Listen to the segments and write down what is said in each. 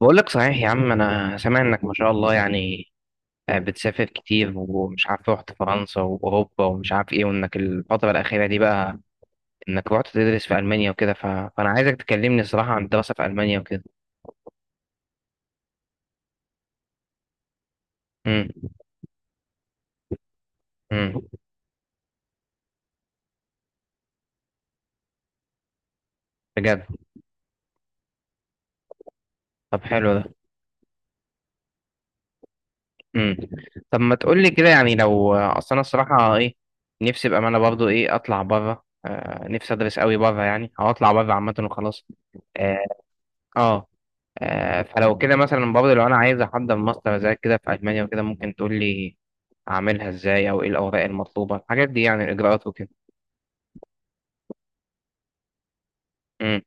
بقول لك صحيح يا عم، انا سامع انك ما شاء الله يعني. بتسافر كتير، ومش عارف رحت فرنسا واوروبا ومش عارف ايه، وانك الفتره الاخيره دي بقى انك رحت تدرس في المانيا وكده. فانا عايزك تكلمني الصراحه عن الدراسه في المانيا وكده. امم. امم. بجد. طب حلو ده. امم. طب ما تقول لي كده يعني، لو اصل انا الصراحه ايه نفسي بقى، انا برضو ايه اطلع بره نفسي ادرس قوي بره يعني، او اطلع بره عامه وخلاص. اه. آه. فلو كده مثلا برضه لو انا عايز احضر ماستر زي كده في المانيا وكده، ممكن تقول لي اعملها ازاي، او ايه الاوراق المطلوبه الحاجات دي، يعني الاجراءات وكده. امم.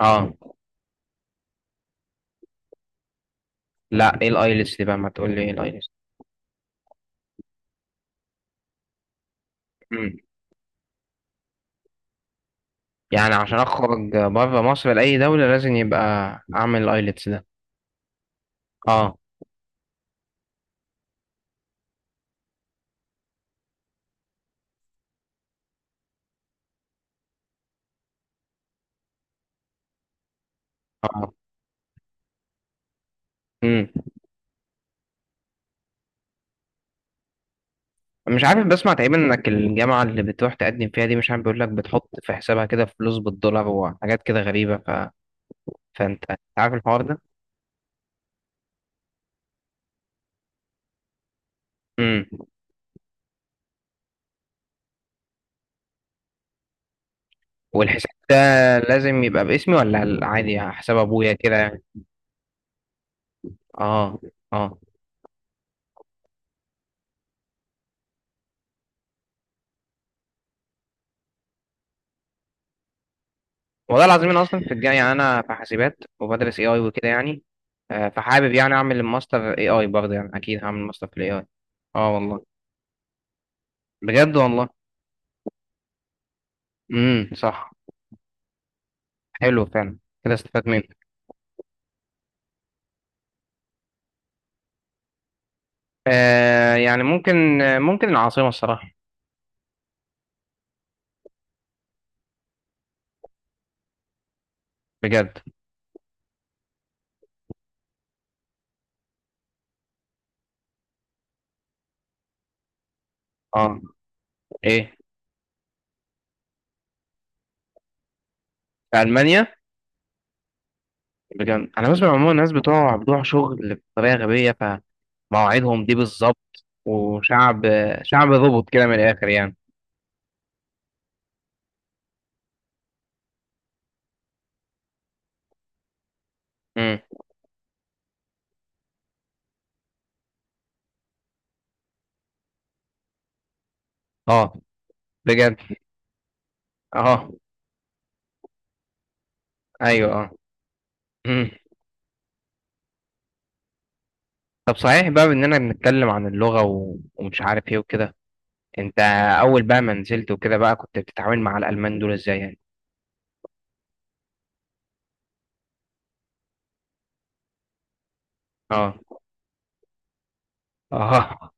اه. لا، ايه الايلتس دي بقى؟ ما تقول لي ايه الايلتس. امم. يعني عشان اخرج بره مصر لاي دوله لازم يبقى اعمل الايلتس ده. اه، اه. امم. مش عارف بسمع تقريبا انك الجامعه اللي بتروح تقدم فيها دي، مش عارف بيقول لك بتحط في حسابها كده فلوس بالدولار وحاجات كده غريبه. فانت عارف الحوار ده. امم. والحساب ده لازم يبقى باسمي، ولا عادي حساب ابويا كده يعني؟ اه، اه. والله العظيم انا اصلا في الجاي يعني، انا في حاسبات وبدرس اي اي وكده يعني. فحابب يعني اعمل الماستر اي اي برضه، يعني اكيد هعمل ماستر في الاي اي. اه والله. بجد والله. امم، صح. حلو فعلا. كده استفدت منه. يعني ممكن. ممكن العاصمة الصراحة. بجد. اه. ايه. في المانيا. بجد، انا بسمع عموما الناس بتوع شغل بطريقة غبية، مواعيدهم دي بالظبط، وشعب شعب ظبط كده من الاخر يعني. امم. اه. بجد. اه. ايوه، اه. امم. طب صحيح بقى اننا بنتكلم عن اللغه ومش عارف ايه وكده. انت اول بقى ما نزلت وكده بقى، كنت بتتعامل مع الالمان دول ازاي يعني؟ اه. اه.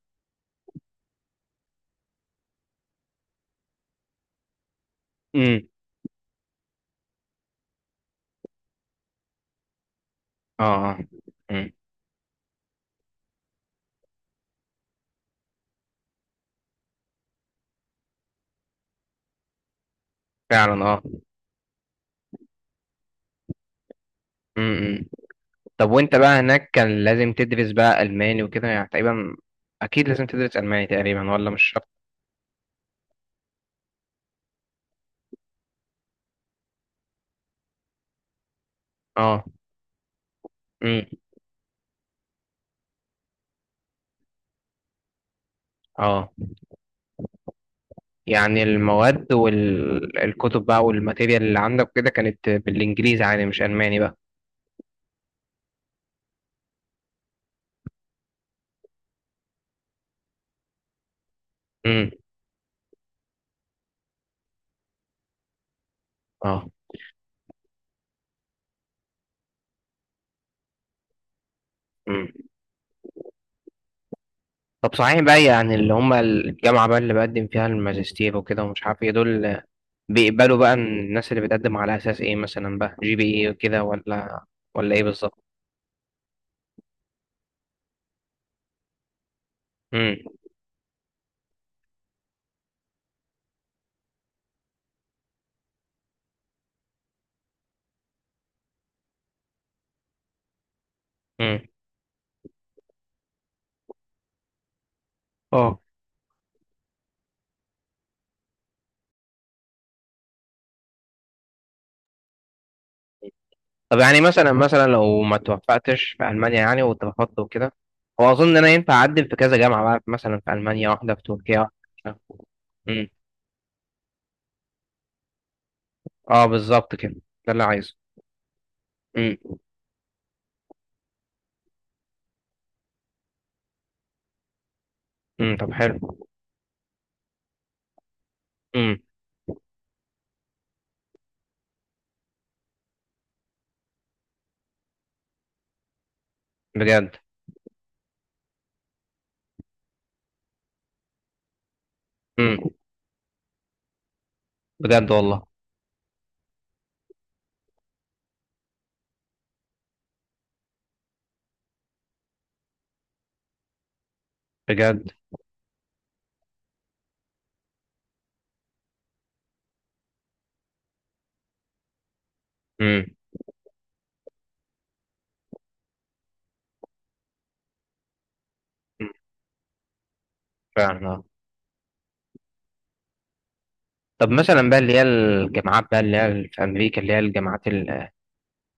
امم. اه، اه. امم. فعلا اه. امم. طب وانت بقى هناك كان لازم تدرس بقى الماني وكده يعني تقريبا؟ اكيد لازم تدرس الماني تقريبا، ولا مش شرط؟ اه. امم. اه. يعني المواد والكتب بقى والماتيريال اللي عندك كده كانت بالانجليزي يعني، مش الماني بقى؟ امم. اه. امم. طب صحيح بقى يعني، اللي هم الجامعه بقى اللي بقدم فيها الماجستير وكده ومش عارف ايه دول، بيقبلوا بقى الناس اللي بتقدم على اساس ايه؟ مثلا بقى جي بي اي وكده، ولا ايه بالظبط؟ امم. امم. اه. طب يعني مثلا لو ما توفقتش في المانيا يعني واترفضت وكده، هو اظن ان انا ينفع اقدم في كذا جامعه بقى، مثلا في المانيا واحده في تركيا واحدة. اه بالظبط كده، ده اللي عايزه. امم. امم، طب حلو. امم. بجد. امم. بجد والله. بجد. امم. أمم، فعلا آه. طب مثلا بقى اللي هي الجامعات بقى، اللي هي في امريكا، اللي هي الجامعات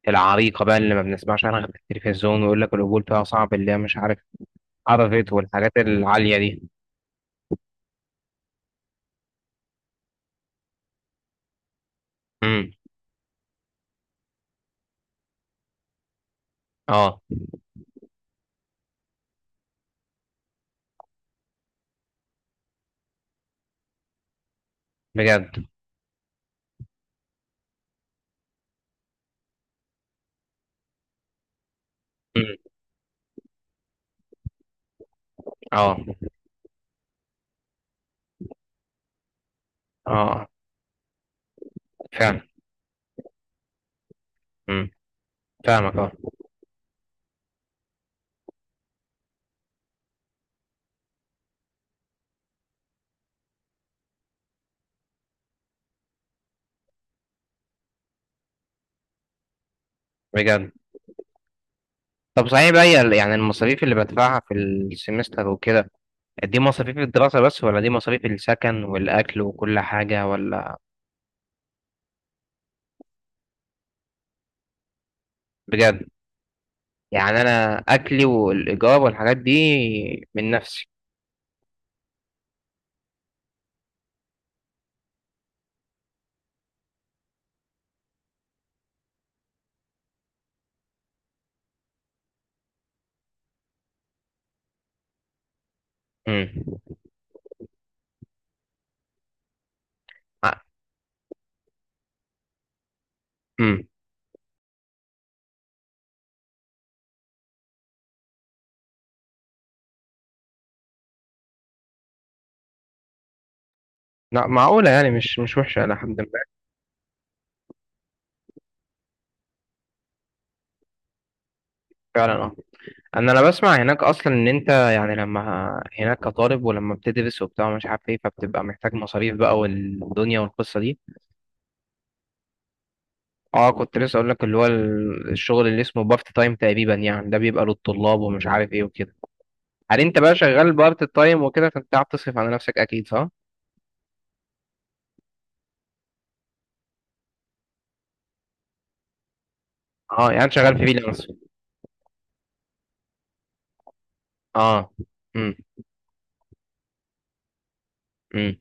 العريقه بقى، اللي ما بنسمعش عنها غير في التلفزيون، ويقول لك القبول فيها صعب، اللي هي مش عارف عرفت والحاجات العاليه دي. امم. اه. بجد. امم. اه، اه. فعلا. امم. فاهمك اه. بجد. طب صحيح بقى هي يعني المصاريف اللي بدفعها في السمستر وكده، دي مصاريف الدراسة بس، ولا دي مصاريف السكن والأكل وكل حاجة، ولا؟ بجد. يعني أنا أكلي والإيجار والحاجات دي من نفسي. امم. امم. لا معقولة يعني، مش وحشة إلى حد ما. فعلا أه. أنا بسمع هناك أصلا إن أنت يعني لما هناك كطالب، ولما بتدرس وبتاع ومش عارف إيه، فبتبقى محتاج مصاريف بقى والدنيا والقصة دي. كنت لسه أقول لك اللي هو الشغل اللي اسمه بافت تايم تقريبا يعني، ده بيبقى للطلاب ومش عارف إيه وكده. هل انت بقى شغال بارت التايم وكده، فانت قاعد تصرف على نفسك اكيد صح؟ اه، يعني أنت شغال فريلانس اه. امم. امم.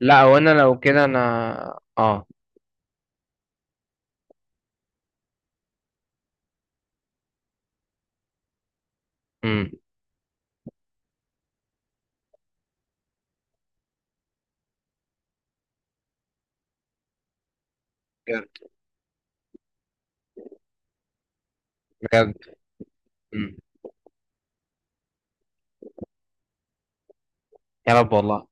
لا وانا لو كده انا اه. امم. بجد. بجد. امم. يا رب والله.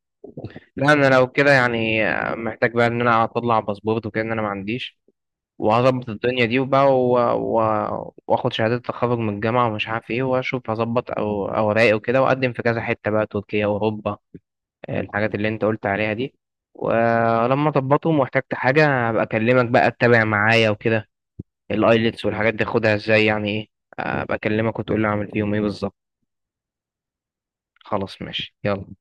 لا انا لو كده يعني محتاج بقى ان انا اطلع باسبورت وكده، ان انا ما عنديش، وهظبط الدنيا دي وبقى واخد شهادة تخرج من الجامعة ومش عارف ايه، واشوف هظبط او اوراقي وكده، واقدم في كذا حتة بقى تركيا واوروبا الحاجات اللي انت قلت عليها دي. ولما اظبطهم واحتجت حاجة هبقى اكلمك بقى تتابع معايا وكده. الايلتس والحاجات دي خدها ازاي يعني ايه، ابقى اكلمك وتقول لي اعمل فيهم ايه بالظبط. خلاص ماشي يلا.